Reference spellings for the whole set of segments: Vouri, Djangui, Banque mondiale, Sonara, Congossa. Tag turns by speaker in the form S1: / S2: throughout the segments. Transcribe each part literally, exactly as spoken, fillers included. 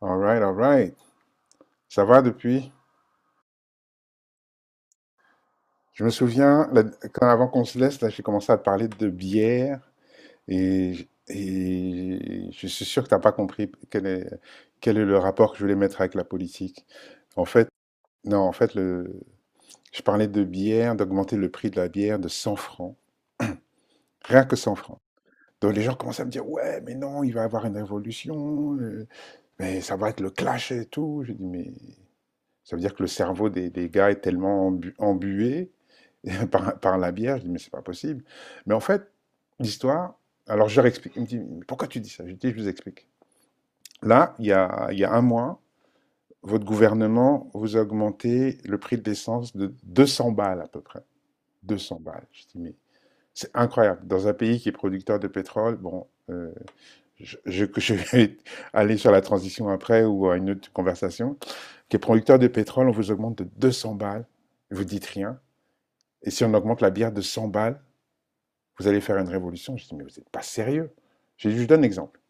S1: All right, all right. Ça va depuis? Je me souviens, la- quand, avant qu'on se laisse, là, j'ai commencé à te parler de bière et, j- et je suis sûr que t'as pas compris quel est, quel est le rapport que je voulais mettre avec la politique. En fait, non, en fait, le, Je parlais de bière, d'augmenter le prix de la bière de cent francs, rien que cent francs. Donc les gens commencent à me dire, ouais, mais non, il va y avoir une révolution, euh, mais ça va être le clash et tout. Je dis, mais ça veut dire que le cerveau des, des gars est tellement embu- embué par, par la bière. Je dis, mais c'est pas possible. Mais en fait, l'histoire, alors je leur explique. Ils me disent, mais pourquoi tu dis ça? Je dis, je vous explique. Là, il y a, il y a un mois, votre gouvernement vous a augmenté le prix de l'essence de deux cents balles à peu près. deux cents balles. Je dis, mais c'est incroyable. Dans un pays qui est producteur de pétrole, bon, euh, je, je- je vais aller sur la transition après ou à une autre conversation, qui est producteur de pétrole, on vous augmente de deux cents balles, vous dites rien. Et si on augmente la bière de cent balles, vous allez faire une révolution. Je dis, mais vous n'êtes pas sérieux. Je, je donne un exemple.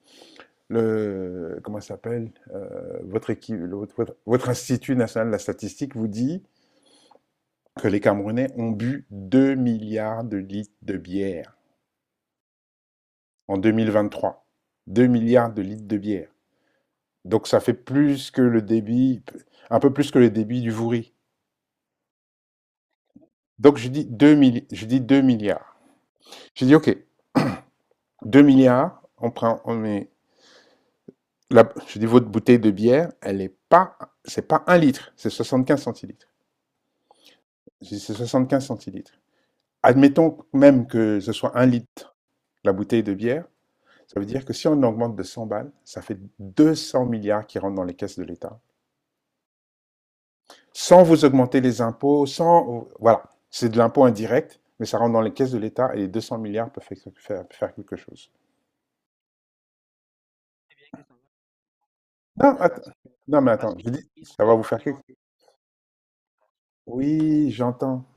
S1: Le, comment ça s'appelle euh, votre équipe, le- votre, votre Institut national de la statistique vous dit que les Camerounais ont bu deux milliards de litres de bière en deux mille vingt-trois. Deux milliards de litres de bière. Donc ça fait plus que le débit, un peu plus que le débit du Vouri. Donc je dis deux milli- je dis deux milliards. Je dis, OK, deux milliards, on, prend, on met la- je dis votre bouteille de bière, elle n'est pas, c'est pas un litre, c'est soixante-quinze centilitres. C'est soixante-quinze centilitres. Admettons même que ce soit un litre la bouteille de bière, ça veut dire que si on augmente de cent balles, ça fait deux cents milliards qui rentrent dans les caisses de l'État, sans vous augmenter les impôts, sans, voilà, c'est de l'impôt indirect, mais ça rentre dans les caisses de l'État et les deux cents milliards peuvent faire, faire- quelque chose. Non, att- non mais attends, je dis, ça va vous faire quelque chose. Oui, j'entends.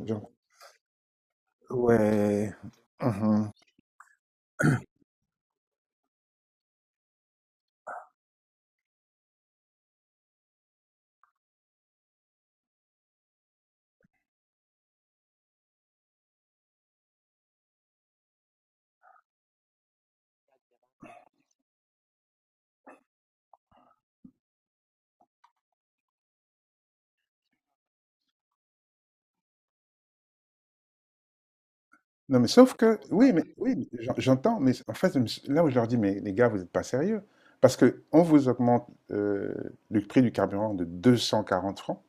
S1: Non, mais sauf que, oui, mais oui, mais j'en- j'entends, mais en fait, là où je leur dis, mais les gars, vous n'êtes pas sérieux, parce que on vous augmente euh, le prix du carburant de deux cent quarante francs.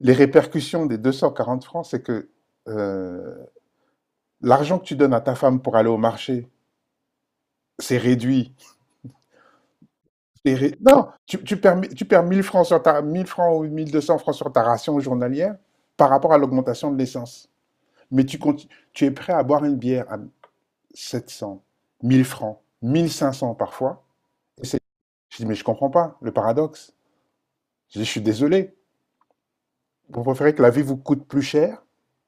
S1: Les répercussions des deux cent quarante francs, c'est que euh, l'argent que tu donnes à ta femme pour aller au marché, c'est réduit. C'est ré- Non, tu, tu perds, mi- tu perds mille francs sur ta mille francs ou mille deux cents francs sur ta ration journalière par rapport à l'augmentation de l'essence. Mais tu, conti- tu es prêt à boire une bière à sept cents, mille francs, mille cinq cents parfois, c'est, je dis, mais je comprends pas le paradoxe. Je dis, je suis désolé. Vous préférez que la vie vous coûte plus cher.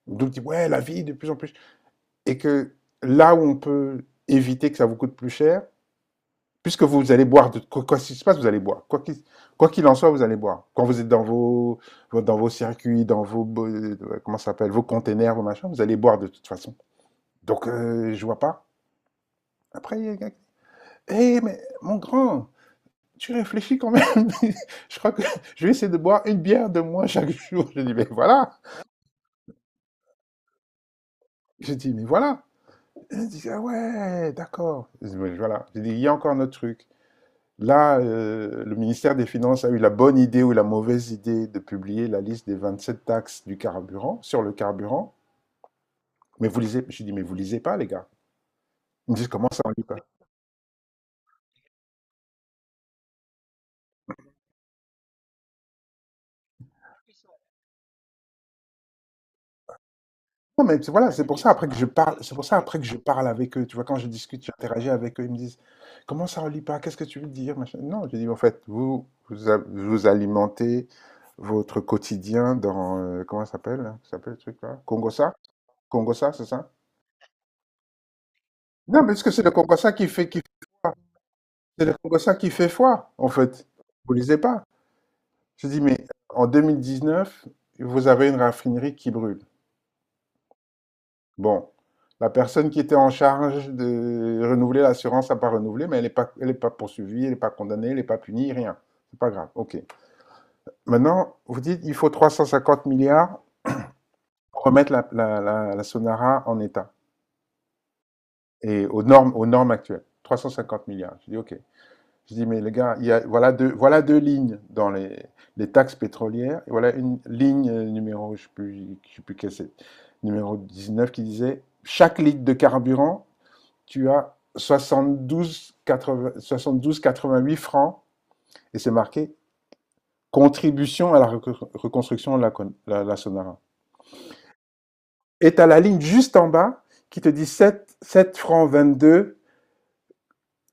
S1: Donc, dit, ouais, la vie de plus en plus. Et que là où on peut éviter que ça vous coûte plus cher, puisque vous allez boire, de, quoi, quoi qu'il se passe, vous allez boire. Quoi qu'il quoi qu'il en soit, vous allez boire. Quand vous êtes dans vos, vos- dans vos circuits, dans vos, bo- euh, comment ça s'appelle, vos containers, vos machins, vous allez boire de toute façon. Donc, euh, je vois pas. Après, il y a- Eh, mais mon grand, tu réfléchis quand même. Je crois que je vais essayer de boire une bière de moins chaque jour. Je dis, mais voilà. Je dis, mais voilà. Elle dit, ah ouais, d'accord. Je dis, mais voilà. Je dis, il y a encore notre truc. Là, euh, le ministère des Finances a eu la bonne idée ou la mauvaise idée de publier la liste des vingt-sept taxes du carburant, sur le carburant. Mais vous lisez, je dis, mais vous lisez pas, les gars. Ils me disent, comment ça, on lit pas? Non, mais c'est- voilà, c'est pour ça après que je parle, c'est pour ça après que je parle avec eux. Tu vois, quand je discute, j'interagis avec eux, ils me disent, comment ça relie pas? Qu'est-ce que tu veux dire? Machin. Non, je dis, en fait, vous, vous, a- vous alimentez votre quotidien dans, euh, comment ça s'appelle? Là, ça s'appelle le truc là? Congossa? Congossa, c'est ça? Non, mais parce que c'est le Congossa qui fait, qui fait foi. C'est le Congossa qui fait foi, en fait. Vous lisez pas. Je dis, mais en deux mille dix-neuf, vous avez une raffinerie qui brûle. Bon, la personne qui était en charge de renouveler l'assurance n'a pas renouvelé, mais elle n'est pas, elle n'est pas poursuivie, elle n'est pas condamnée, elle n'est pas punie, rien. C'est pas grave. OK. Maintenant, vous dites il faut trois cent cinquante milliards pour remettre la, la, la, la Sonara en état et aux normes, aux normes actuelles. Trois cent cinquante milliards. Je dis OK. Je dis mais les gars, il y a, voilà, deux, voilà deux lignes dans les, les taxes pétrolières. Et voilà une ligne euh, numéro, je ne sais plus, je sais plus quelle c'est, numéro dix-neuf qui disait chaque litre de carburant tu as soixante-douze, quatre quatre-vingt-huit francs et c'est marqué contribution à la reconstruction de la, la, la Sonara. Et tu as la ligne juste en bas qui te dit sept 7 francs vingt-deux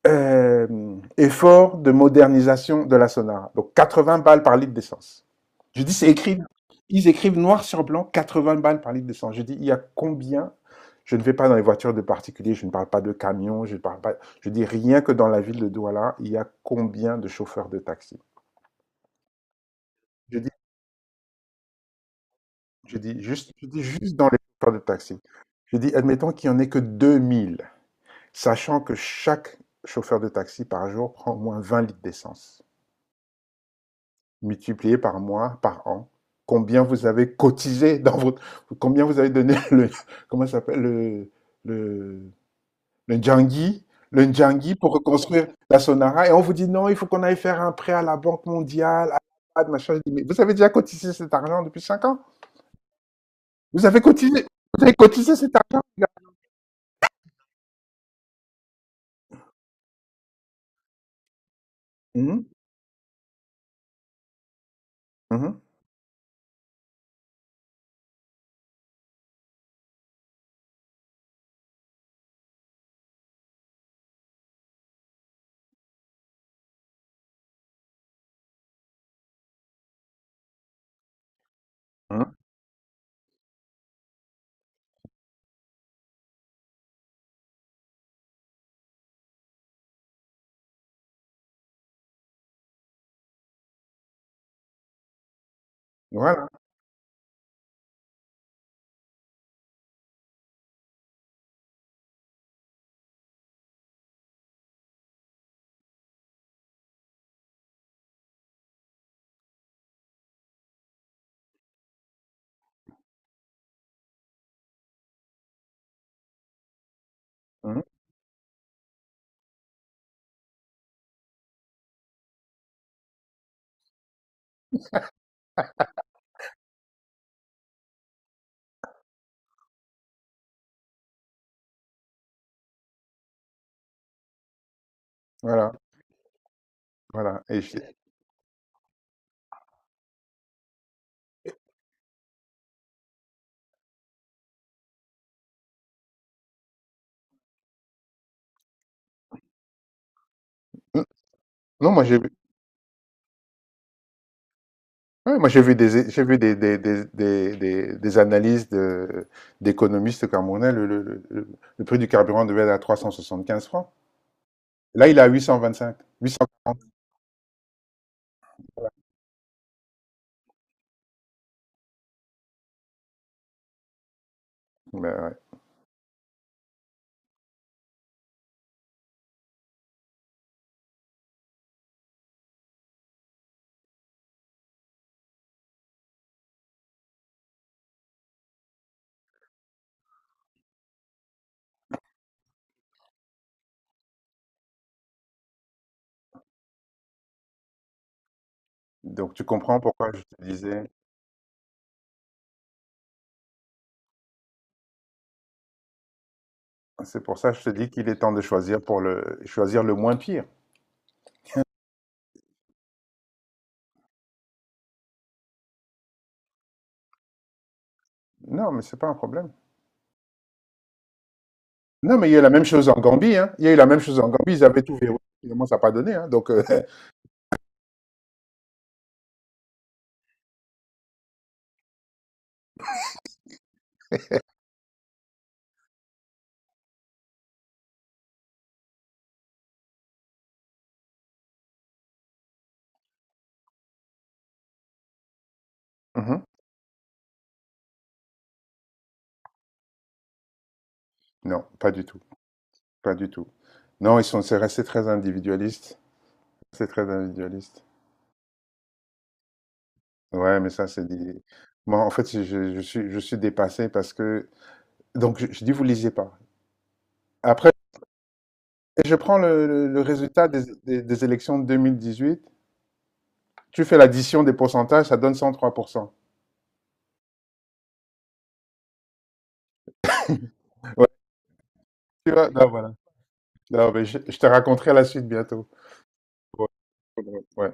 S1: euh, effort de modernisation de la Sonara. Donc quatre-vingts balles par litre d'essence. Je dis, c'est écrit, ils écrivent noir sur blanc quatre-vingts balles par litre d'essence. Je dis, il y a combien? Je ne vais pas dans les voitures de particuliers, je ne parle pas de camions, je ne parle pas. Je dis, rien que dans la ville de Douala, il y a combien de chauffeurs de taxi? Je dis, je dis, juste, je dis juste dans les chauffeurs de taxi. Je dis, admettons qu'il n'y en ait que deux mille, sachant que chaque chauffeur de taxi par jour prend au moins vingt litres d'essence. Multiplié par mois, par an, combien vous avez cotisé dans votre, combien vous avez donné le, comment ça s'appelle, le, le, le Djangui, le Djangui pour reconstruire la Sonara. Et on vous dit non, il faut qu'on aille faire un prêt à la Banque mondiale, à la machin. Je dis, mais vous avez déjà cotisé cet argent depuis cinq ans? Vous avez cotisé, vous avez cotisé cet argent, les gars. Mhm, mhm, mhm. Voilà, mhm, voilà, voilà. Et je non, moi, j'ai, ouais, moi j'ai vu des j'ai vu des, des, des, des, des- des analyses de, d'économistes camerounais, le, le, le, le le prix du carburant devait être à trois cent soixante-quinze francs. Là, il est à huit cent vingt-cinq, huit cent quarante. Ben ouais. Donc tu comprends pourquoi je te disais, c'est pour ça que je te dis qu'il est temps de choisir pour le choisir le moins pire. Non, mais c'est pas un problème. Non, mais il y a eu la même chose en Gambie, hein. Il y a eu la même chose en Gambie, ils avaient tout verrouillé, finalement ça n'a pas donné, hein. Donc euh, mhm. Non, pas du tout, pas du tout. Non, ils sont c'est resté très individualiste, c'est très individualiste. Ouais, mais ça, c'est des... Moi, en fait, je, je suis, je suis dépassé parce que... Donc, je, je dis, vous lisez pas. Après, je prends le, le- le résultat des, des- des élections de huit. Tu fais l'addition des pourcentages, ça donne cent trois pour cent. Ouais, tu vois? Non, voilà. Non, mais je, je te raconterai la suite bientôt. Ouais, ouais, ouais.